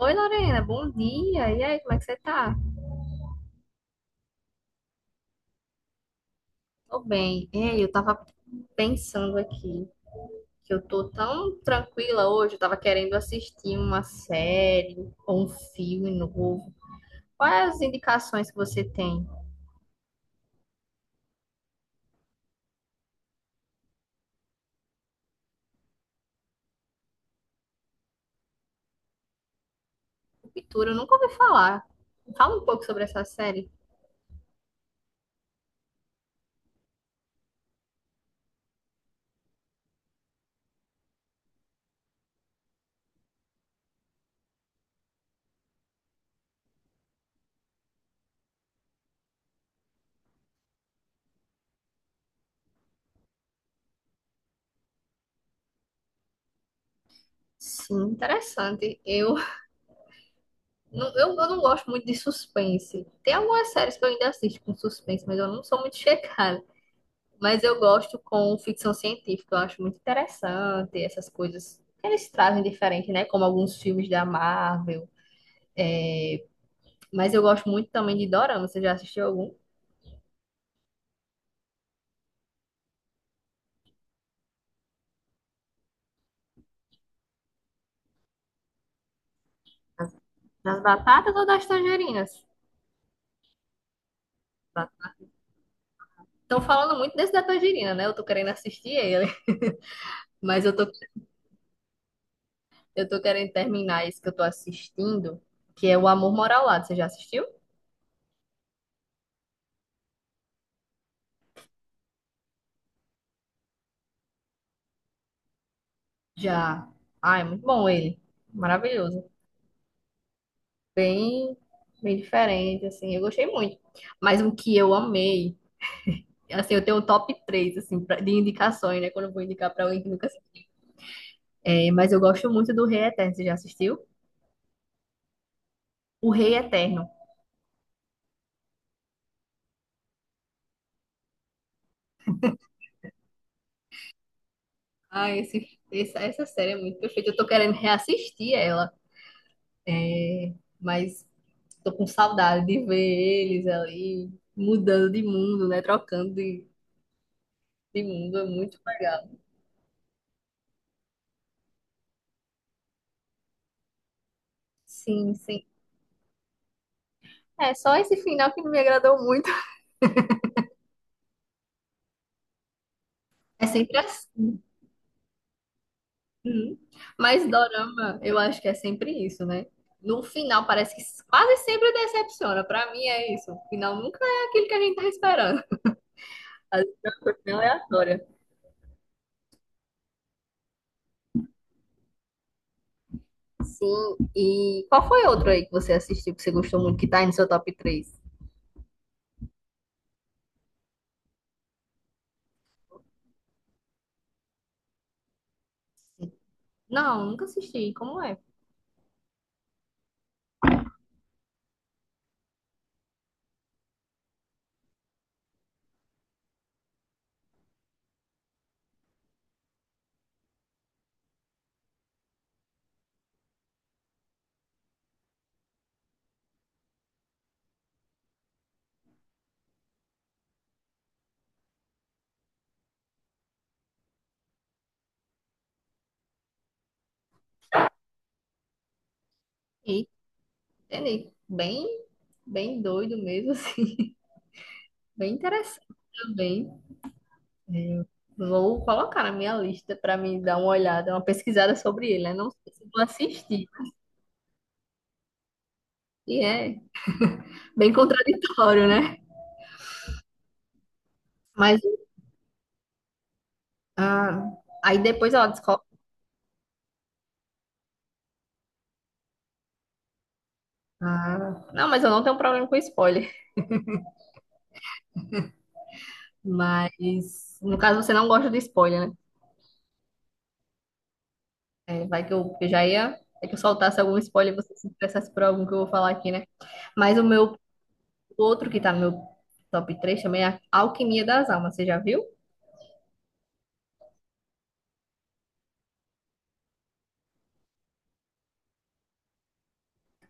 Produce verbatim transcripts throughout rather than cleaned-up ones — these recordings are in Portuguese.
Oi, Lorena, bom dia. E aí, como é que você tá? Tô bem. Ei, eu tava pensando aqui que eu tô tão tranquila hoje, eu tava querendo assistir uma série ou um filme novo. Quais as indicações que você tem? Ruptura, eu nunca ouvi falar. Fala um pouco sobre essa série. Sim, interessante. Eu não, eu, eu não gosto muito de suspense. Tem algumas séries que eu ainda assisto com suspense, mas eu não sou muito chegada. Mas eu gosto com ficção científica, eu acho muito interessante essas coisas que eles trazem diferente, né? Como alguns filmes da Marvel. Mas eu gosto muito também de Dorama. Você já assistiu algum? Das das batatas ou das tangerinas? Estão falando muito desse da tangerina, né? Eu tô querendo assistir ele. Mas eu tô, eu tô querendo terminar esse que eu tô assistindo, que é O Amor Mora ao Lado. Você já assistiu? Já. Ah, é muito bom ele. Maravilhoso. Bem, bem diferente, assim. Eu gostei muito. Mas um que eu amei. Assim, eu tenho o top três assim, pra- de indicações, né? Quando eu vou indicar pra alguém que nunca assistiu. É, mas eu gosto muito do Rei Eterno. Você já assistiu? O Rei Eterno. Ah, esse, essa, essa série é muito perfeita. Eu tô querendo reassistir ela, mas tô com saudade de ver eles ali mudando de mundo, né? Trocando de, de mundo. É muito legal. Sim, sim. É só esse final que não me agradou muito. É sempre assim. Uhum. Mas dorama, eu acho que é sempre isso, né? No final parece que quase sempre decepciona. Pra mim é isso. O final nunca é aquilo que a gente tá esperando. Às vezes é uma coisa aleatória. Sim. E qual foi outro aí que você assistiu que você gostou muito que tá aí no seu top três? Não, nunca assisti. Como é? E entendi. Bem, bem doido mesmo, assim. Bem interessante também. É, vou colocar na minha lista pra mim dar uma olhada, uma pesquisada sobre ele, né? Não sei se vou assistir. E é bem contraditório, né? Mas ah, aí depois ela descobre. Ah, não, mas eu não tenho problema com spoiler. Mas no caso você não gosta de spoiler, né? É, vai que eu, que eu já ia. É que eu soltasse algum spoiler e você se interessasse por algum que eu vou falar aqui, né? Mas o meu o outro que tá no meu top três também é Alquimia das Almas. Você já viu?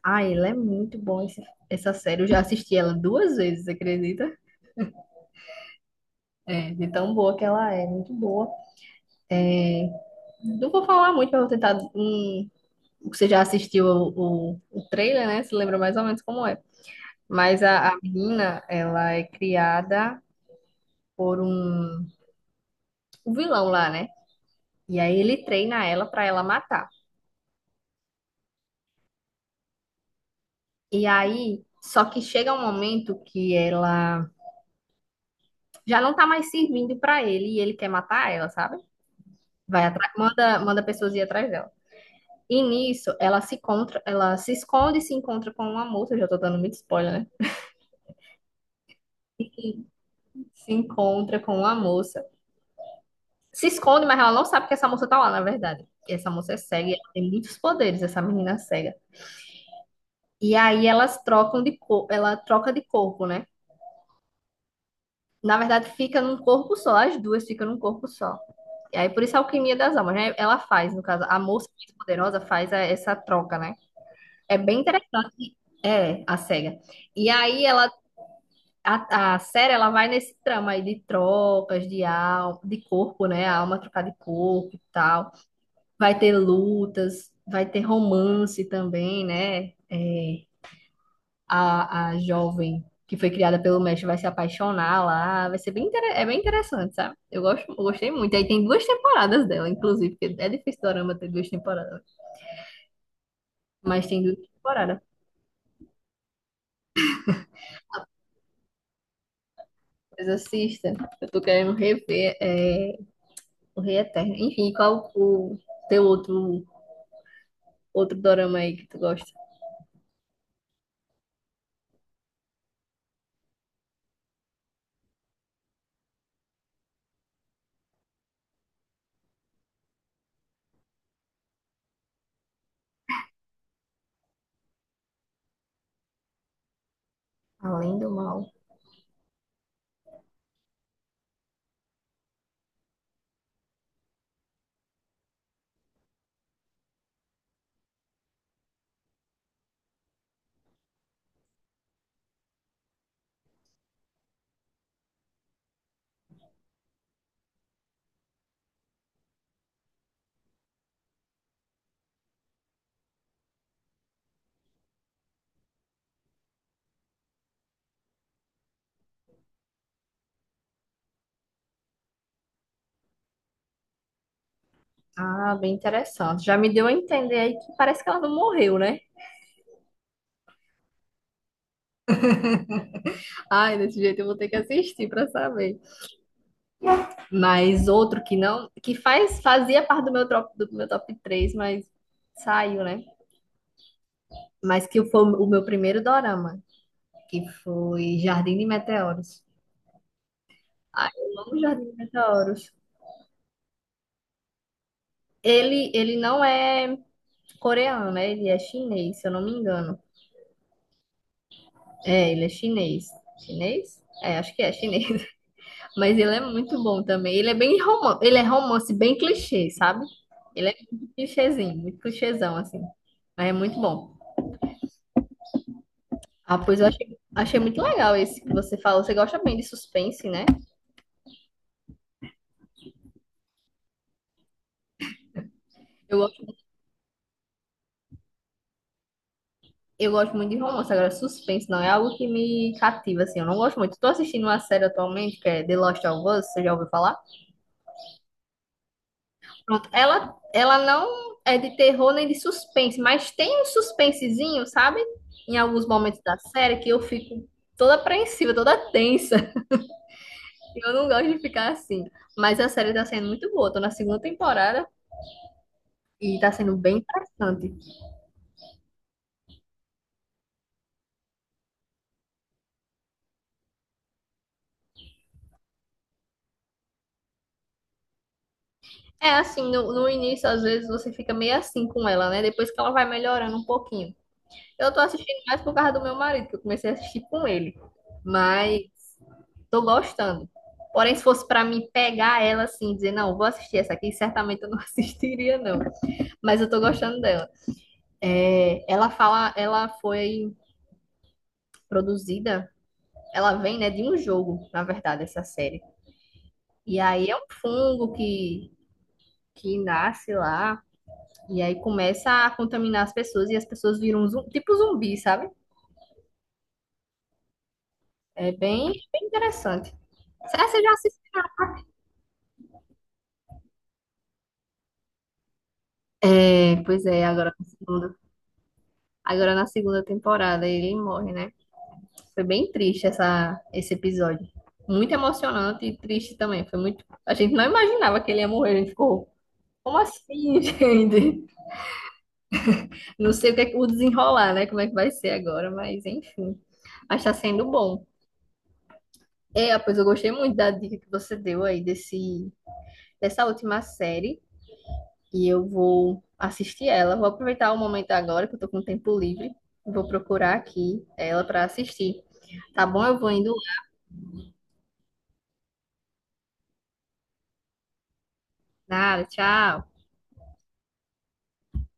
Ah, ele é muito bom esse- essa série. Eu já assisti ela duas vezes, você acredita? É, de tão boa que ela é, muito boa. É, não vou falar muito, eu vou tentar hum, você já assistiu o, o, o trailer, né? Se lembra mais ou menos como é. Mas a, a menina, ela é criada por um, um vilão lá, né? E aí ele treina ela pra ela matar. E aí, só que chega um momento que ela já não tá mais servindo pra ele e ele quer matar ela, sabe? Vai atrás, manda, manda pessoas ir atrás dela. E nisso, ela se encontra, ela se esconde e se encontra com uma moça. Eu já tô dando muito spoiler, né? Se encontra com uma moça se esconde, mas ela não sabe que essa moça tá lá, na verdade. E essa moça é cega, e ela tem muitos poderes, essa menina é cega. E aí elas trocam de cor, ela troca de corpo, né? Na verdade, fica num corpo só, as duas ficam num corpo só. E aí, por isso a alquimia das almas, né? Ela faz, no caso, a moça mais poderosa faz a- essa troca, né? É bem interessante. É, a cega. E aí ela, a, a série, ela vai nesse trama aí de trocas, de alma, de corpo, né? A alma trocar de corpo e tal. Vai ter lutas, vai ter romance também, né? É, a, a jovem que foi criada pelo mestre vai se apaixonar lá. Vai ser bem, inter- é bem interessante, sabe? Eu gosto, eu gostei muito. Aí tem duas temporadas dela, inclusive, porque é difícil Dorama ter duas temporadas. Mas tem duas temporadas. Mas assista. Eu tô querendo rever é, o Rei Eterno. Enfim, qual o teu outro, outro dorama aí que tu gosta? Além do mal. Ah, bem interessante. Já me deu a entender aí que parece que ela não morreu, né? Ai, desse jeito eu vou ter que assistir pra saber. Mas outro que não, que faz, fazia parte do meu top, do meu top três mas saiu, né? Mas que foi o meu primeiro dorama, que foi Jardim de Meteoros. Ai, eu amo Jardim de Meteoros. Ele, ele não é coreano, né? Ele é chinês, se eu não me engano. É, ele é chinês. Chinês? É, acho que é chinês. Mas ele é muito bom também. Ele é bem romance, ele é romance bem clichê, sabe? Ele é muito clichêzinho, muito clichêzão, assim. Mas é muito bom. Ah, pois eu achei, achei muito legal esse que você falou. Você gosta bem de suspense, né? Eu gosto, eu gosto muito de romance. Agora, suspense não é algo que me cativa, assim. Eu não gosto muito. Tô assistindo uma série atualmente que é The Last of Us, você já ouviu falar? Pronto. Ela, ela não é de terror nem de suspense, mas tem um suspensezinho, sabe? Em alguns momentos da série que eu fico toda apreensiva, toda tensa. Eu não gosto de ficar assim. Mas a série tá sendo muito boa. Tô na segunda temporada e tá sendo bem interessante. É assim, no, no início, às vezes, você fica meio assim com ela, né? Depois que ela vai melhorando um pouquinho. Eu tô assistindo mais por causa do meu marido, que eu comecei a assistir com ele. Mas tô gostando. Porém, se fosse pra mim pegar ela assim, dizer, não, vou assistir essa aqui, certamente eu não assistiria, não. Mas eu tô gostando dela. É, ela fala, ela foi produzida, ela vem, né, de um jogo, na verdade, essa série. E aí é um fungo que, que nasce lá, e aí começa a contaminar as pessoas, e as pessoas viram um zum- tipo zumbi, sabe? É bem, bem interessante. Será que você já assistiu? É, pois é, agora na segunda, agora na segunda temporada ele morre, né? Foi bem triste essa, esse episódio. Muito emocionante e triste também. Foi muito. A gente não imaginava que ele ia morrer. A gente ficou, como assim, gente? Não sei o que é que- o desenrolar, né? Como é que vai ser agora, mas enfim. Mas tá sendo bom. É, pois eu gostei muito da dica que você deu aí desse, dessa última série. E eu vou assistir ela. Vou aproveitar o momento agora que eu tô com tempo livre. Vou procurar aqui ela pra assistir. Tá bom? Eu vou indo. Nada, tchau.